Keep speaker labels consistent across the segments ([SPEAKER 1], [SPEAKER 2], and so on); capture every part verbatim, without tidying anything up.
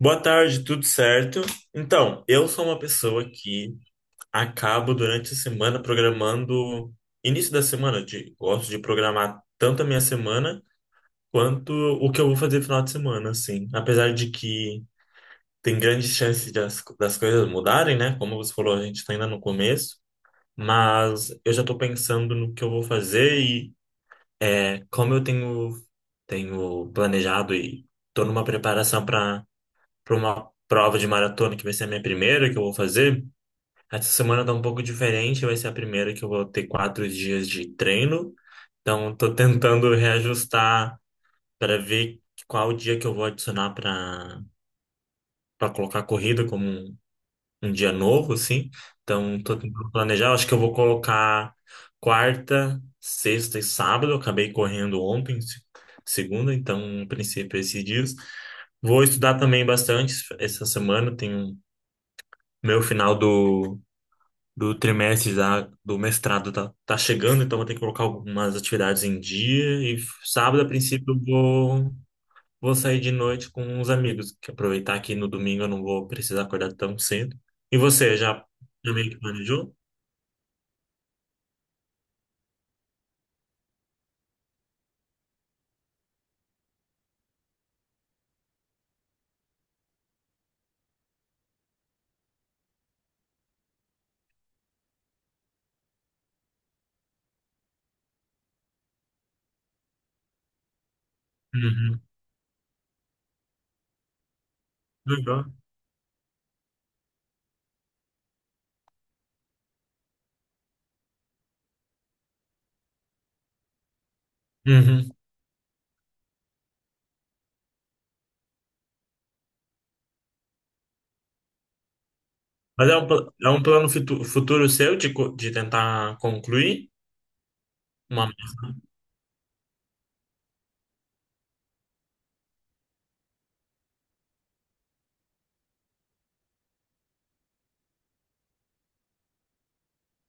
[SPEAKER 1] Boa tarde, tudo certo? Então, eu sou uma pessoa que acabo durante a semana programando, início da semana, de, gosto de programar tanto a minha semana quanto o que eu vou fazer no final de semana, assim. Apesar de que tem grandes chances de as- das coisas mudarem, né? Como você falou, a gente está ainda no começo, mas eu já estou pensando no que eu vou fazer e é, como eu tenho, tenho planejado e estou numa preparação para uma prova de maratona, que vai ser a minha primeira que eu vou fazer. Essa semana tá um pouco diferente, vai ser a primeira que eu vou ter quatro dias de treino. Então, tô tentando reajustar para ver qual dia que eu vou adicionar para para colocar a corrida como um, um dia novo, assim. Então, tô tentando planejar. Acho que eu vou colocar quarta, sexta e sábado. Eu acabei correndo ontem, se- segunda, então, a princípio, esses dias. Vou estudar também bastante essa semana. Tenho Meu final do, do trimestre já do mestrado tá, tá chegando, então vou ter que colocar algumas atividades em dia. E sábado, a princípio, eu vou, vou sair de noite com uns amigos, que aproveitar que no domingo eu não vou precisar acordar tão cedo. E você, já, já meio que planejou? Uhum. Legal. Uhum. Mas é um, pla- é um plano fitu- futuro seu de, co- de tentar concluir? Uma...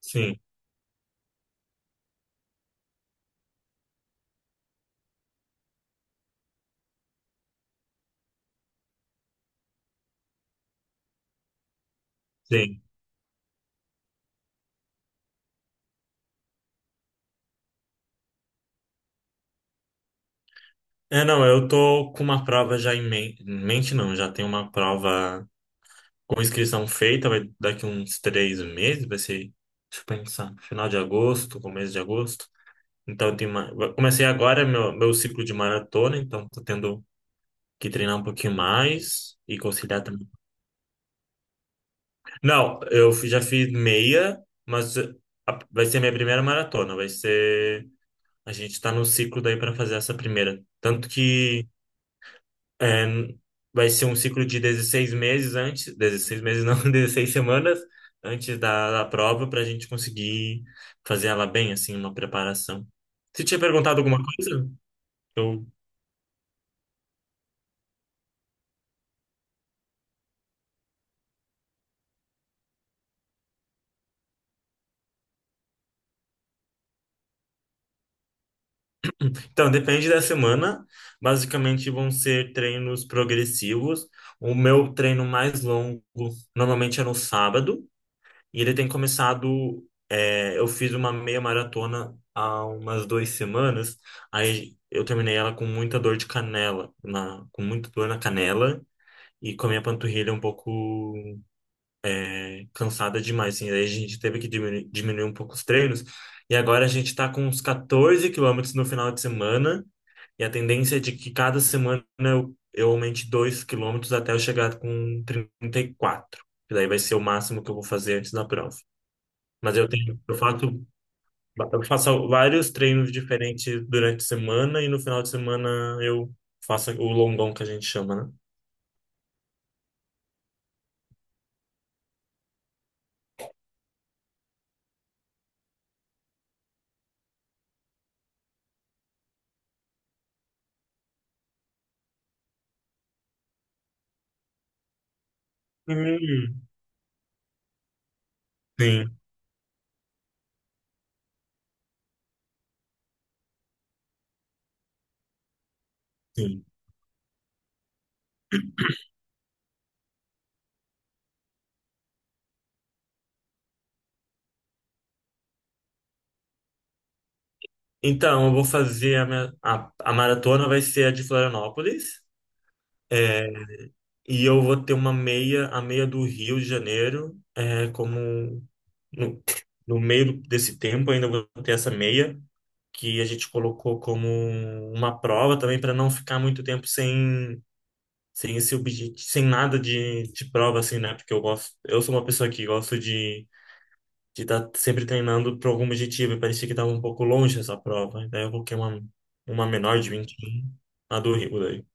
[SPEAKER 1] Sim, sim. É, não, eu tô com uma prova já em men- em mente, não, já tenho uma prova. Com inscrição feita, vai daqui uns três meses, vai ser, deixa eu pensar, final de agosto, começo de agosto. Então, tem uma, eu comecei agora meu, meu ciclo de maratona, então tô tendo que treinar um pouquinho mais e conciliar também. Não, eu fi- já fiz meia, mas eh, a- vai ser minha primeira maratona, vai ser, a gente tá no ciclo daí para fazer essa primeira. Tanto que é, vai ser um ciclo de dezesseis meses antes, dezesseis meses não, dezesseis semanas antes da, da prova para a gente conseguir fazer ela bem, assim, uma preparação. Você tinha perguntado alguma coisa? Eu- Então, depende da semana. Basicamente vão ser treinos progressivos. O meu treino mais longo normalmente é no sábado. E ele tem começado. É, eu fiz uma meia maratona há umas duas semanas. Aí eu terminei ela com muita dor de canela, na, com muita dor na canela e com a minha panturrilha um pouco é, cansada demais. Assim, aí a gente teve que diminuir, diminuir um pouco os treinos. E agora a gente está com uns quatorze quilômetros no final de semana. E a tendência é de que cada semana eu, eu aumente dois quilômetros até eu chegar com trinta e quatro. Que daí vai ser o máximo que eu vou fazer antes da prova. Mas eu tenho, eu faço, eu faço vários treinos diferentes durante a semana e no final de semana eu faço o longão que a gente chama, né? Hum, sim, sim. Então, eu vou fazer a, minha, a, a maratona vai ser a de Florianópolis. É, e eu vou ter uma meia, a meia do Rio de Janeiro, é, como no, no meio desse tempo ainda vou ter essa meia, que a gente colocou como uma prova também para não ficar muito tempo sem sem esse objetivo, sem nada de, de prova, assim, né? Porque eu gosto, eu sou uma pessoa que gosto de de estar sempre treinando para algum objetivo, e parecia que estava um pouco longe essa prova. Daí eu coloquei uma, uma menor de vinte e um, a do Rio daí.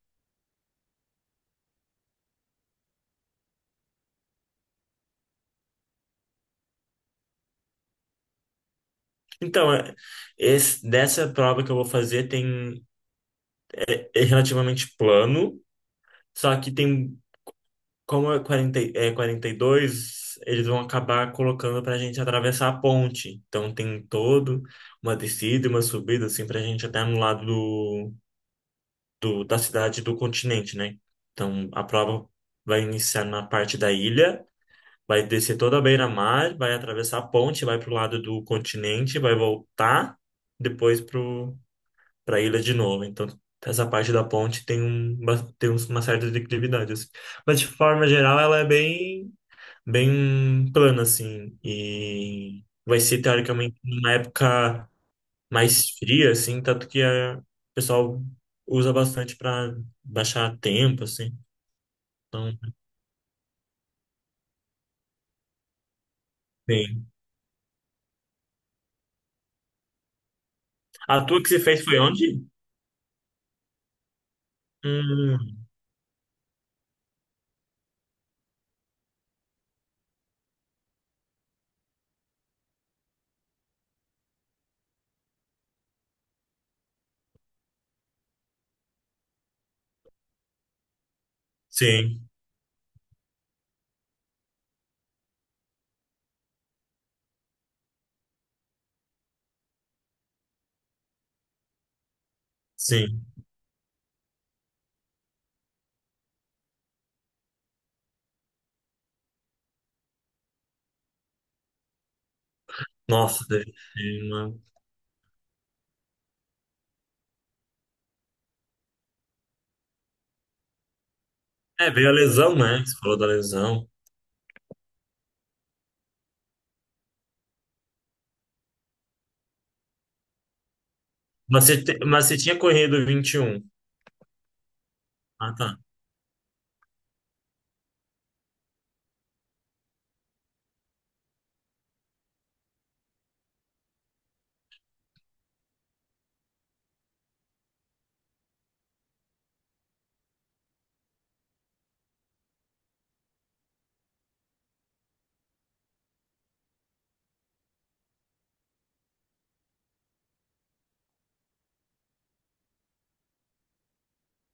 [SPEAKER 1] Então, é- esse, dessa prova que eu vou fazer tem é, é relativamente plano, só que tem, como é quarenta, e- é quarenta e dois, eles vão acabar colocando para a gente atravessar a ponte. Então tem todo uma descida e uma subida, assim, para a gente até no lado do, da cidade e do continente, né? Então, a prova vai iniciar na parte da ilha, vai descer toda a beira-mar, vai atravessar a ponte, vai para o lado do continente, vai voltar depois para a ilha de novo. Então, essa parte da ponte tem, um, ba- tem uma certa declividade, assim. Mas, de forma geral, ela é bem, bem plana, assim, e vai ser, teoricamente, numa época mais fria, assim, tanto que é, o pessoal usa bastante para baixar tempo, assim. Então, sim. A tua que você fez foi onde? Hum, sim, sim. Nossa, deve ser uma... É, veio a lesão, né? Você falou da lesão. Mas você, te- mas você tinha corrido vinte e um. Ah, tá.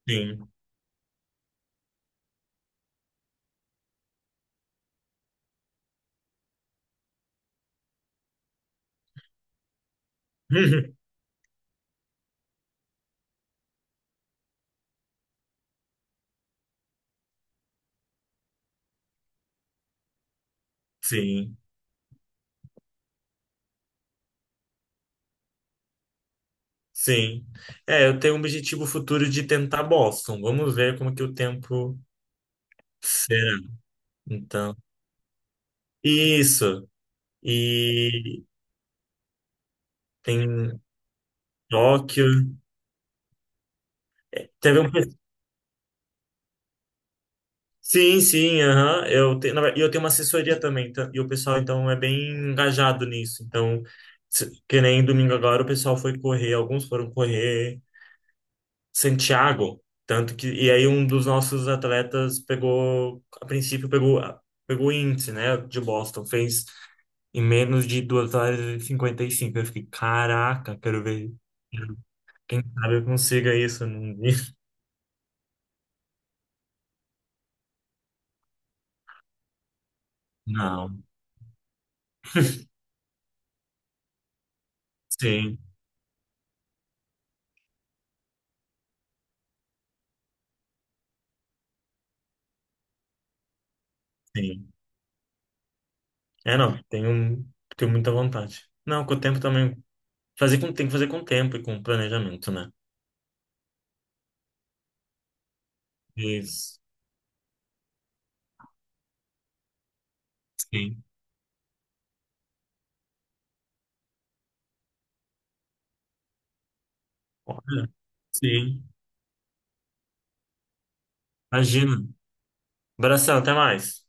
[SPEAKER 1] Sim. Sim, sim. É, eu tenho um objetivo futuro de tentar Boston. Vamos ver como que o tempo será. Então, isso. E tem. Tóquio. Teve um. pe- Sim, sim, aham. Eu tenho, na ver- e eu tenho uma assessoria também, tá? E o pessoal, então, é bem engajado nisso. Então, se- que nem domingo agora, o pessoal foi correr, alguns foram correr Santiago. Tanto que. E aí, um dos nossos atletas pegou, a princípio, pegou, pegou o índice, né, de Boston. Fez em menos de duas horas e cinquenta e cinco. Eu fiquei, caraca, quero ver. Quem sabe eu consiga isso num dia. Não, sim, sim. É, não, tenho, tenho muita vontade. Não, com o tempo também. Fazer com, tem que fazer com tempo e com planejamento, né? Isso. Sim. Olha, sim. Imagina. Abração, até mais.